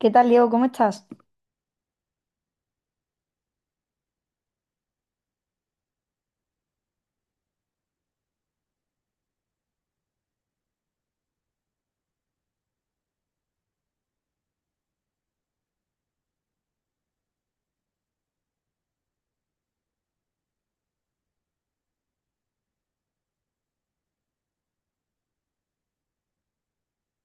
¿Qué tal, Diego? ¿Cómo estás?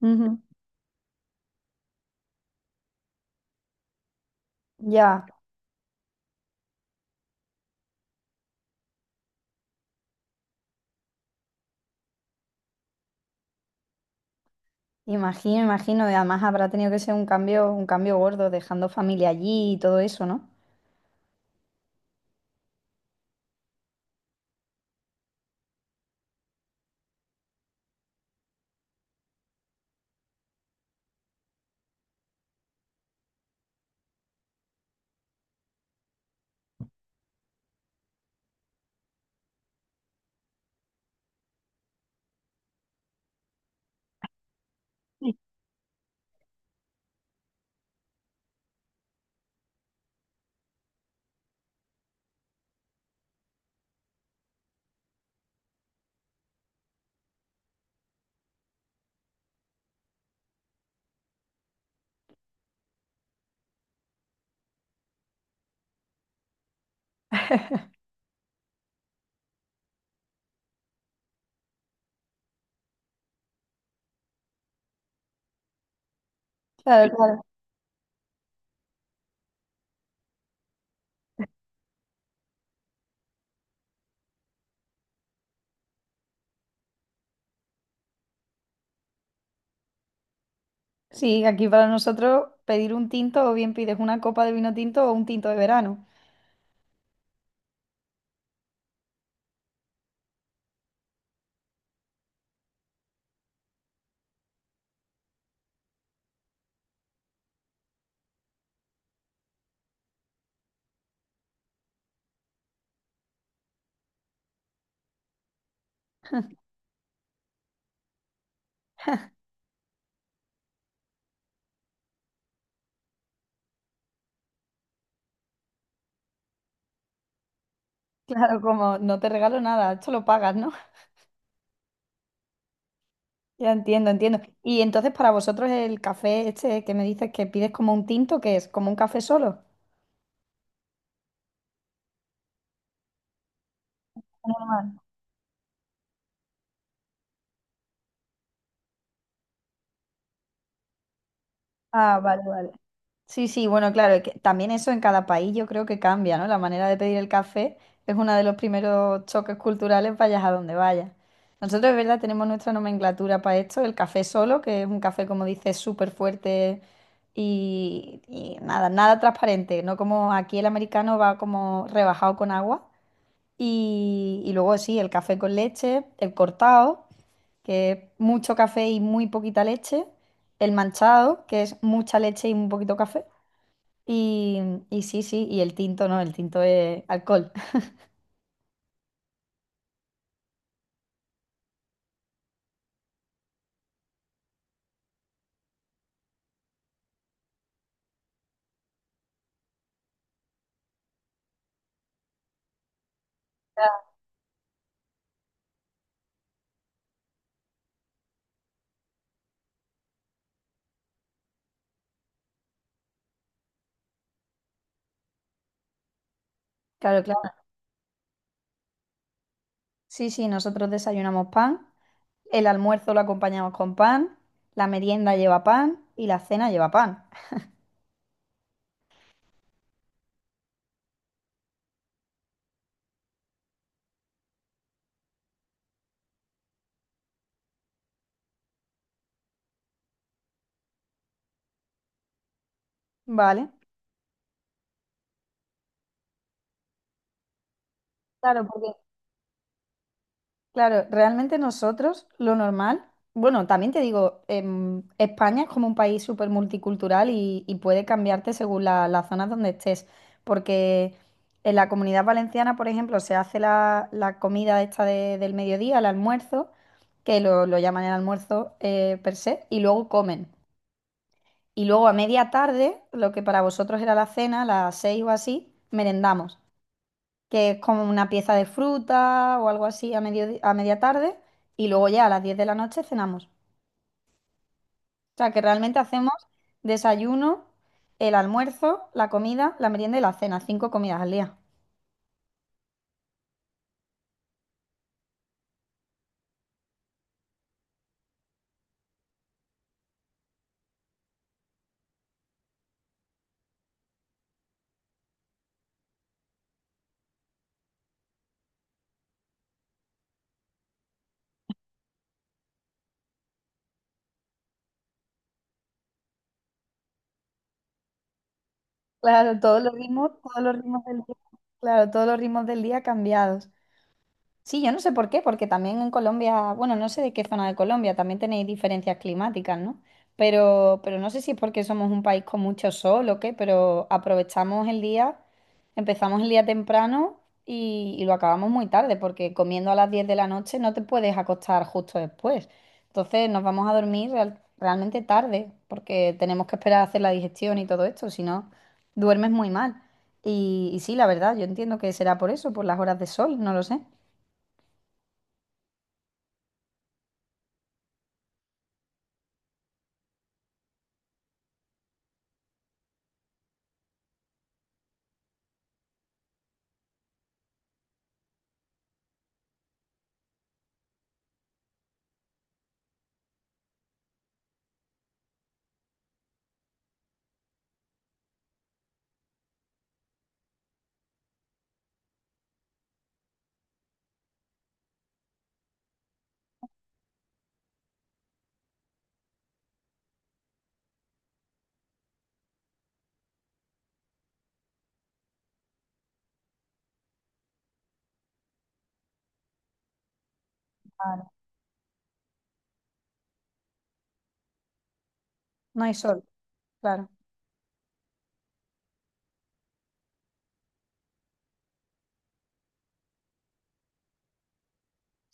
Ujú. Ya, imagino, imagino. Y además habrá tenido que ser un cambio gordo, dejando familia allí y todo eso, ¿no? Claro, claro. Sí, aquí para nosotros pedir un tinto o bien pides una copa de vino tinto o un tinto de verano. Claro, como no te regalo nada, esto lo pagas, ¿no? Ya entiendo, entiendo. Y entonces para vosotros el café este que me dices que pides como un tinto, ¿qué es? ¿Como un café solo? Normal. Ah, vale, vale. Sí, sí, bueno, claro, que también eso en cada país yo creo que cambia, ¿no? La manera de pedir el café es uno de los primeros choques culturales, vayas a donde vayas. Nosotros, es verdad, tenemos nuestra nomenclatura para esto, el café solo, que es un café, como dices, súper fuerte y nada, nada transparente, no como aquí el americano va como rebajado con agua. Y luego sí, el café con leche, el cortado, que es mucho café y muy poquita leche, el manchado, que es mucha leche y un poquito café. Y, y sí, sí, y el tinto no, el tinto es alcohol. Claro, claro. Sí, sí, nosotros desayunamos pan, el almuerzo lo acompañamos con pan, la merienda lleva pan y la cena lleva pan. Vale. Claro, porque Claro, realmente nosotros lo normal, bueno, también te digo, España es como un país súper multicultural y puede cambiarte según las zonas donde estés, porque en la Comunidad Valenciana, por ejemplo, se hace la comida esta del mediodía, el almuerzo, que lo llaman el almuerzo per se, y luego comen. Y luego a media tarde, lo que para vosotros era la cena, las 6 o así, merendamos que es como una pieza de fruta o algo así a media tarde, y luego ya a las 10 de la noche cenamos. O sea, que realmente hacemos desayuno, el almuerzo, la comida, la merienda y la cena, cinco comidas al día. Claro, todos los ritmos del día, claro, todos los ritmos del día cambiados. Sí, yo no sé por qué, porque también en Colombia, bueno, no sé de qué zona de Colombia, también tenéis diferencias climáticas, ¿no? Pero no sé si es porque somos un país con mucho sol o qué, pero aprovechamos el día, empezamos el día temprano y lo acabamos muy tarde, porque comiendo a las 10 de la noche no te puedes acostar justo después. Entonces nos vamos a dormir realmente tarde, porque tenemos que esperar a hacer la digestión y todo esto, si no, duermes muy mal. Y sí, la verdad, yo entiendo que será por eso, por las horas de sol, no lo sé. No hay sol, claro.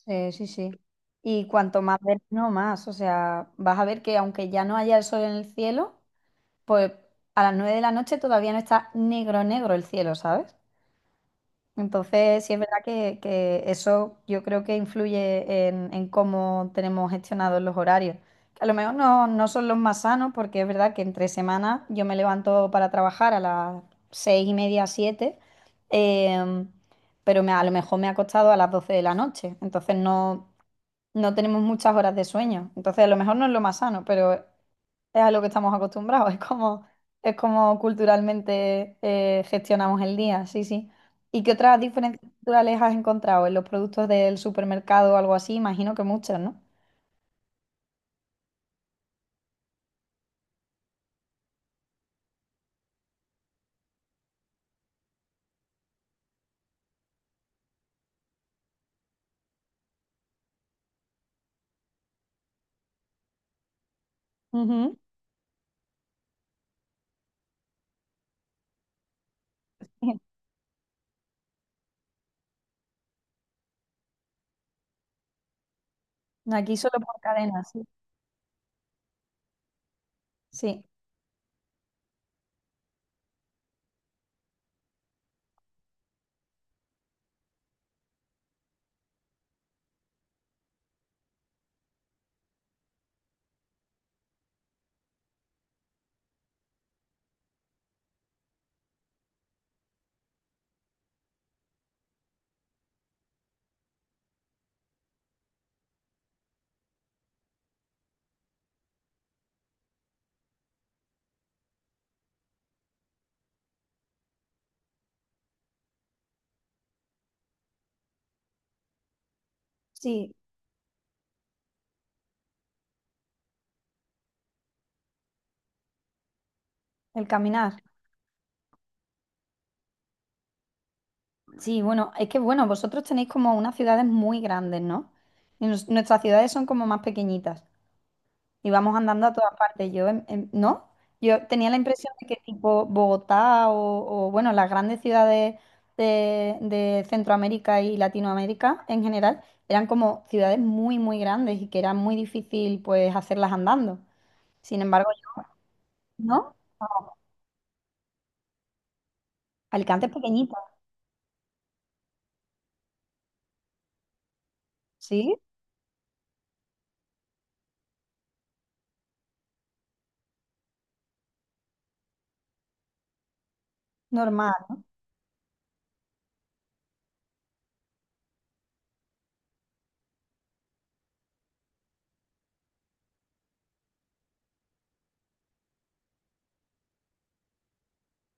Sí, sí, sí. Y cuanto más verano, más. O sea, vas a ver que aunque ya no haya el sol en el cielo, pues a las 9 de la noche todavía no está negro, negro el cielo, ¿sabes? Entonces, sí es verdad que eso yo creo que influye en cómo tenemos gestionados los horarios. Que a lo mejor no, no son los más sanos, porque es verdad que entre semanas yo me levanto para trabajar a las 6:30, 7, em, pero a lo mejor me ha acostado a las 12 de la noche. Entonces no, no tenemos muchas horas de sueño. Entonces, a lo mejor no es lo más sano, pero es a lo que estamos acostumbrados, es como culturalmente gestionamos el día, sí, sí. ¿Y qué otras diferencias culturales has encontrado en los productos del supermercado o algo así? Imagino que muchas, ¿no? Ujú. Aquí solo por cadenas, sí. Sí, sí, el caminar. Sí, bueno, es que bueno, vosotros tenéis como unas ciudades muy grandes, ¿no? Y nuestras ciudades son como más pequeñitas. Íbamos andando a todas partes. ¿No? Yo tenía la impresión de que tipo Bogotá o, bueno, las grandes ciudades de Centroamérica y Latinoamérica en general eran como ciudades muy, muy grandes y que era muy difícil pues hacerlas andando. Sin embargo, yo, ¿no? Alicante es pequeñita, ¿sí? Normal.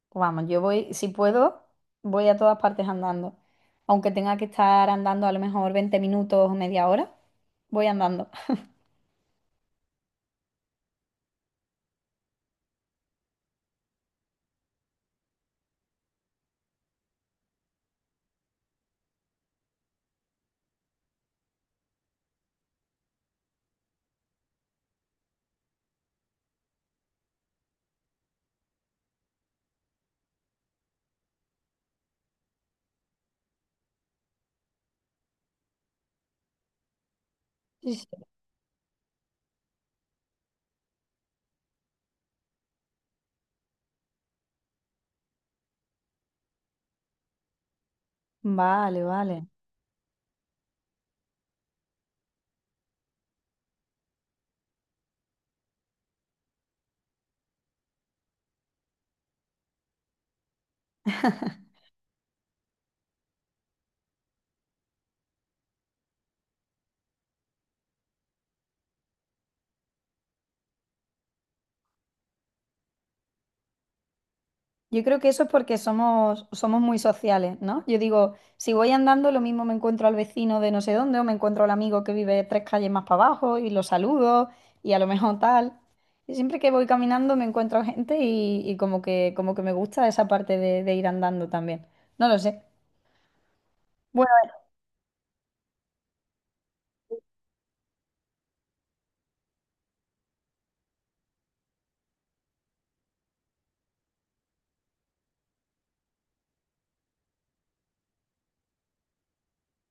Pues vamos, yo voy, si puedo, voy a todas partes andando. Aunque tenga que estar andando a lo mejor 20 minutos o media hora, voy andando. Vale, vale. Yo creo que eso es porque somos muy sociales, ¿no? Yo digo, si voy andando, lo mismo me encuentro al vecino de no sé dónde, o me encuentro al amigo que vive tres calles más para abajo y lo saludo, y a lo mejor tal. Y siempre que voy caminando me encuentro gente y como que me gusta esa parte de ir andando también. No lo sé. Bueno,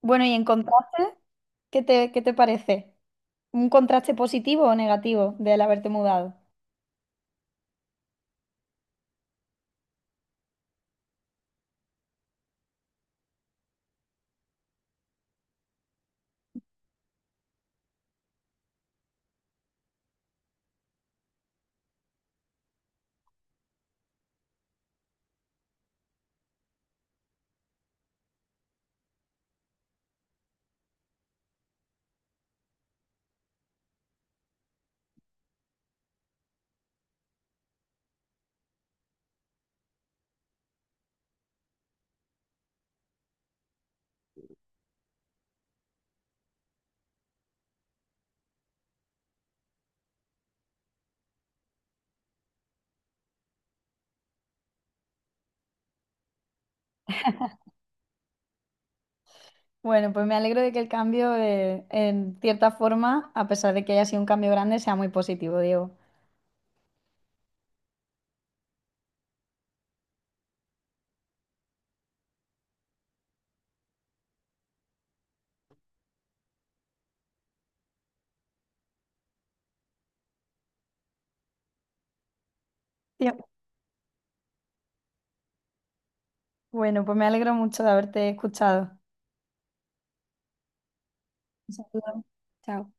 bueno, y en contraste, qué te parece? ¿Un contraste positivo o negativo del haberte mudado? Bueno, pues me alegro de que el cambio, en cierta forma, a pesar de que haya sido un cambio grande, sea muy positivo, Diego. Yep. Bueno, pues me alegro mucho de haberte escuchado. Un saludo. Chao.